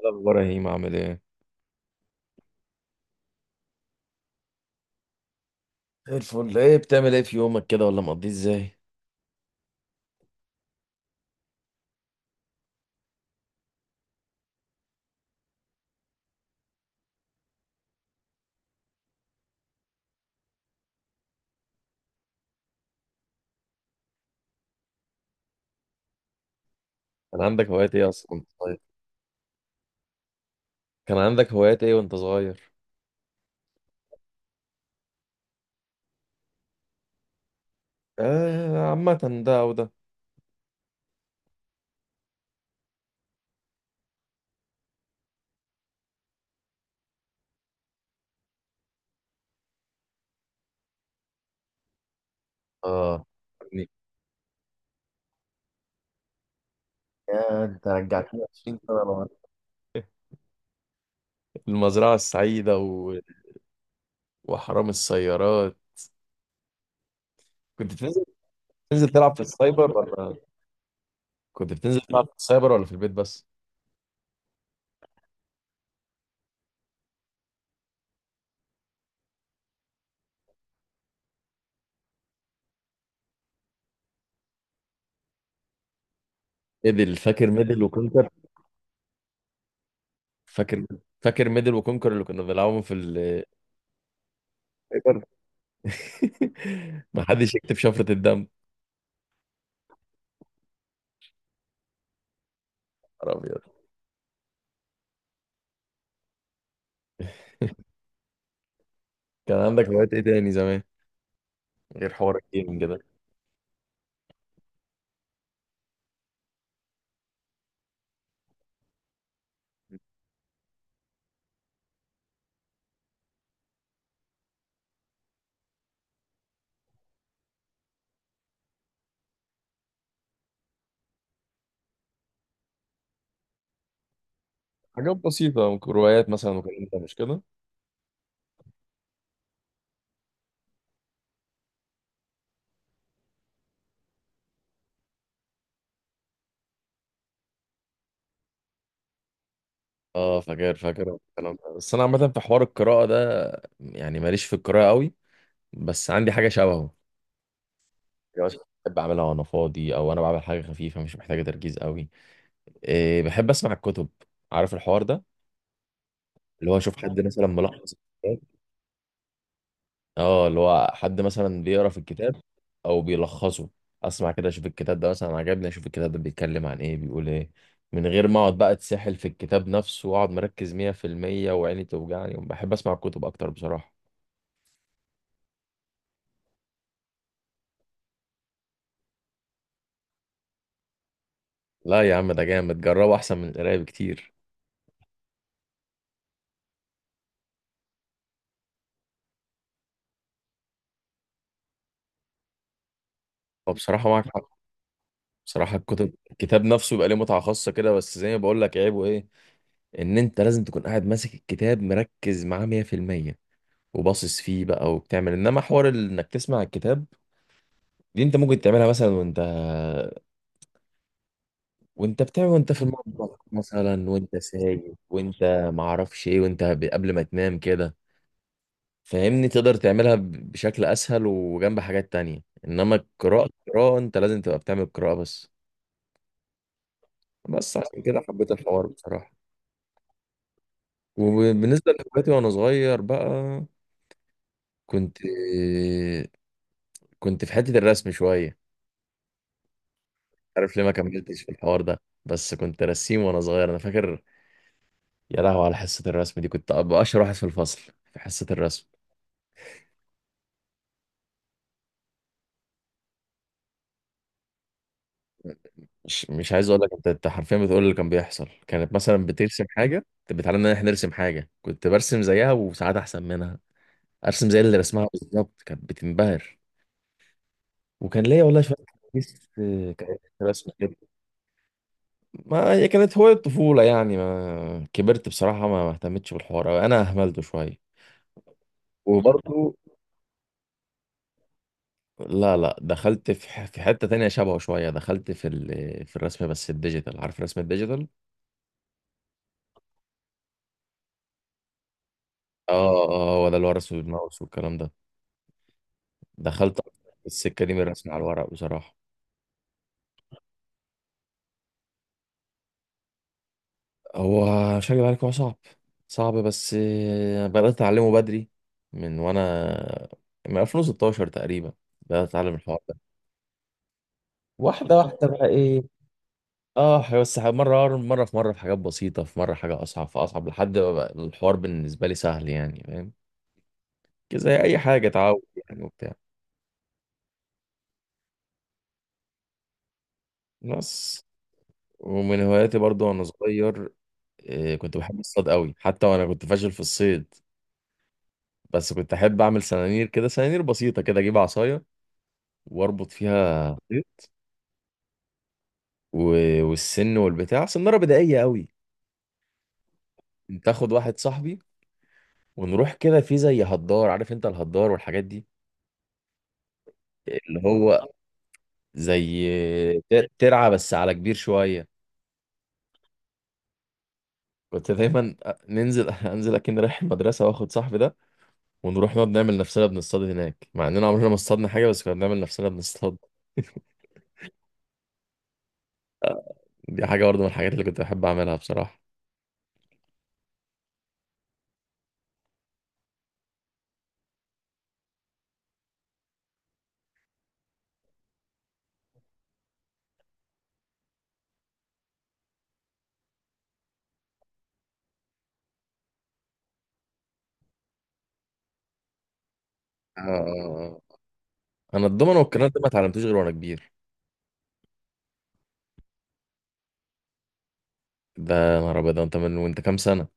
إيه الأخبار يا هيم، عامل إيه؟ زي الفل. ايه بتعمل ايه في يومك كده ولا مقضيه ازاي؟ كان عندك هوايات إيه أصلا وأنت صغير؟ كان عندك هوايات إيه وأنت صغير؟ آه، عامة ده أو ده. آه، يعني، يا انت رجعتني 20 سنة لورا. المزرعة السعيدة وحرام السيارات. كنت بتنزل تلعب في السايبر، ولا كنت بتنزل تلعب في السايبر ولا في البيت بس؟ فاكر ميدل وكونكر؟ فاكر فاكر ميدل وكونكر اللي كنا بنلعبهم في السايبر؟ محدش يكتب شفرة الدم. نهار أبيض. كان عندك هوايات إيه تاني زمان، غير حوار الجيمنج ده؟ حاجات بسيطة، ممكن روايات مثلا، وكان أنت مش كده؟ اه، فاكر فاكر الكلام ده. بس أنا عامة في حوار القراءة ده، يعني ماليش في القراءة قوي، بس عندي حاجة شبهه. يعني مثلاً بحب أعملها وأنا فاضي، أو أنا بعمل حاجة خفيفة مش محتاجة تركيز قوي. إيه، بحب أسمع الكتب. عارف الحوار ده؟ اللي هو أشوف حد مثلا ملخص. اه، اللي هو حد مثلا بيقرا في الكتاب، او بيلخصه. اسمع كده، اشوف الكتاب ده مثلا عجبني، اشوف الكتاب ده بيتكلم عن ايه، بيقول ايه. من غير ما اقعد بقى اتسحل في الكتاب نفسه واقعد مركز 100%، وعيني توجعني. بحب اسمع الكتب اكتر بصراحة. لا يا عم، ده جامد، جربه احسن من القراية بكتير. هو بصراحة معاك حق. بصراحة الكتاب نفسه بيبقى ليه متعة خاصة كده، بس زي ما بقول لك، عيبه ايه؟ ان انت لازم تكون قاعد ماسك الكتاب مركز معاه 100% وباصص فيه بقى. وبتعمل انما حوار انك تسمع الكتاب، دي انت ممكن تعملها مثلا وانت. وانت بتعمل، وانت في المطبخ مثلا، وانت سايق، وانت ما اعرفش ايه، وانت قبل ما تنام كده، فاهمني؟ تقدر تعملها بشكل اسهل وجنب حاجات تانية. انما القراءة، القراءة انت لازم تبقى بتعمل قراءة بس. بس عشان كده حبيت الحوار بصراحة. وبالنصة لهواياتي وانا صغير بقى، كنت كنت في حتة الرسم شوية. عارف ليه ما كملتش في الحوار ده؟ بس كنت رسيم وانا صغير، انا فاكر. يا لهوي على حصة الرسم دي. كنت أبقى أشهر واحد في الفصل في حصة الرسم. مش عايز أقول لك، أنت حرفيا بتقول اللي كان بيحصل. كانت مثلا بترسم حاجة، كانت بتعلمنا إن إحنا نرسم حاجة، كنت برسم زيها وساعات أحسن منها. أرسم زي اللي رسمها بالظبط، كانت بتنبهر. وكان ليا والله شوية حديث. كانت رسم كده. ما هي كانت هواية طفولة يعني، ما كبرت بصراحة ما اهتمتش بالحوار أوي، أنا أهملته شوية. وبرضه، لا لا، دخلت في حتة تانية شبهه شوية. دخلت في الرسم بس الديجيتال، عارف الرسم الديجيتال؟ اه، اه، ولا الورق والماوس والكلام ده. دخلت السكة دي من الرسم على الورق بصراحة. هو مش هكدب عليك، هو صعب. صعب، بس بدأت أتعلمه بدري. من وأنا من 2016 تقريبا. بدأت أتعلم الحوار ده واحدة واحدة بقى، إيه. اه، بس مرة مرة. في مرة في حاجات بسيطة، في مرة حاجة أصعب، في أصعب، لحد ما بقى الحوار بالنسبة لي سهل يعني، فاهم؟ زي أي حاجة اتعود، يعني وبتاع بس. ومن هواياتي برضو وأنا صغير، كنت بحب الصيد قوي، حتى وانا كنت فاشل في الصيد. بس كنت احب اعمل سنانير كده، سنانير بسيطه كده. اجيب عصايه واربط فيها خيط والسن والبتاع، سناره بدائيه قوي. كنت اخد واحد صاحبي ونروح كده في زي هدار، عارف انت الهدار والحاجات دي؟ اللي هو زي ترعه بس على كبير شويه. كنت دايما ننزل انزل، اكن رايح المدرسه واخد صاحبي ده. ونروح نقعد نعمل نفسنا بنصطاد هناك، مع اننا عمرنا ما اصطادنا حاجه، بس كنا بنعمل نفسنا بنصطاد. دي حاجة برضه من الحاجات اللي كنت بحب أعملها بصراحة. آه. أنا الضمنة والكرنت دي ما اتعلمتوش غير وأنا كبير. ده نهار أبيض. ده أنت من وأنت كام سنة؟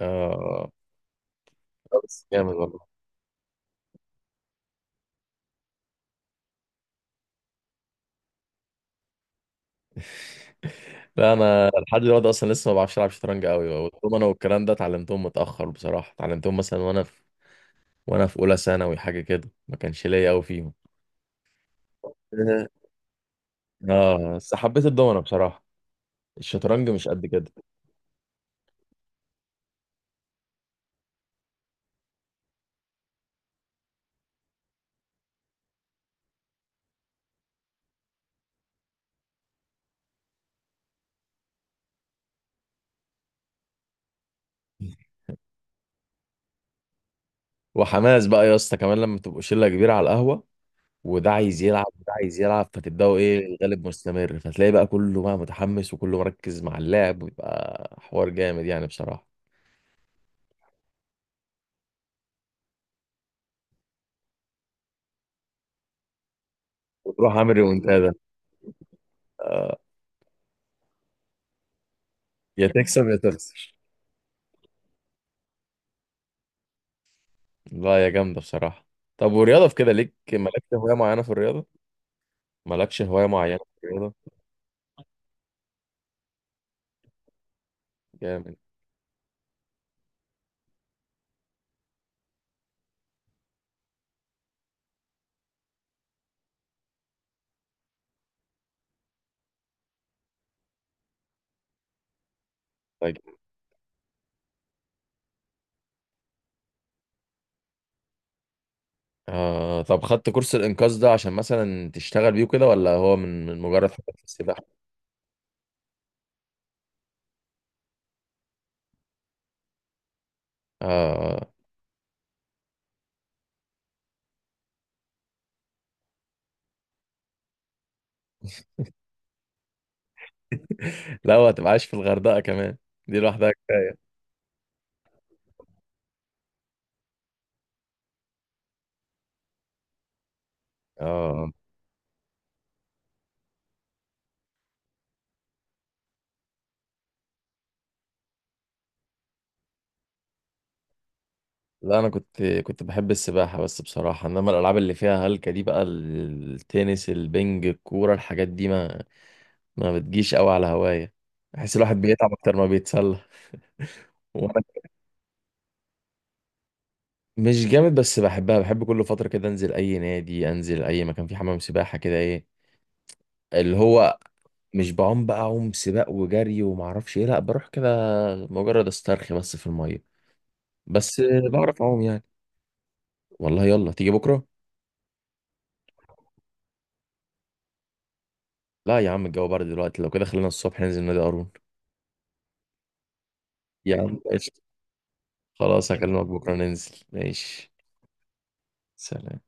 آه. لا، بس جامد والله. لا، أنا لحد دلوقتي أصلا لسه ما بعرفش ألعب شطرنج أوي. والضمنة والكرنت ده اتعلمتهم متأخر بصراحة، اتعلمتهم مثلا وأنا في. وأنا في أولى ثانوي حاجة كده، ما كانش ليا أوي فيهم. آه. آه، بس حبيت الضمنة بصراحة. الشطرنج مش قد كده. وحماس بقى يا اسطى كمان لما تبقوا شلة كبيرة على القهوة، وده عايز يلعب وده عايز يلعب، فتبداوا ايه الغالب مستمر، فتلاقي بقى كله بقى متحمس وكله مركز مع اللعب، ويبقى حوار جامد يعني بصراحة. وتروح عامل ريمونتادا. يا تكسب يا تخسر. لا، يا جامدة بصراحة. طب، ورياضة في كده ليك؟ مالكش هواية معينة في الرياضة؟ مالكش هواية معينة في الرياضة؟ جامد. طيب. آه، طب خدت كورس الإنقاذ ده عشان مثلا تشتغل بيه كده، ولا هو من مجرد حاجة في السباحة؟ آه. لا، وهتبقى عايش في الغردقة كمان، دي لوحدها كفاية. اه، لا، انا كنت بحب السباحه بس بصراحه. انما الالعاب اللي فيها هلكه دي بقى، التنس البنج الكوره، الحاجات دي ما، ما بتجيش قوي على هوايه. بحس الواحد بيتعب اكتر ما بيتسلى. وانا، مش جامد بس بحبها. بحب كل فتره كده انزل اي نادي، انزل اي مكان فيه حمام سباحه كده، ايه اللي هو مش بعوم بقى عوم سباق وجري وما اعرفش ايه. لا، بروح كده مجرد استرخي بس في الميه. بس بعرف اعوم يعني. والله، يلا تيجي بكره. لا يا عم، الجو برد دلوقتي. لو كده خلينا الصبح ننزل نادي قارون. يا عم، خلاص هكلمك بكرة ننزل، ماشي. سلام.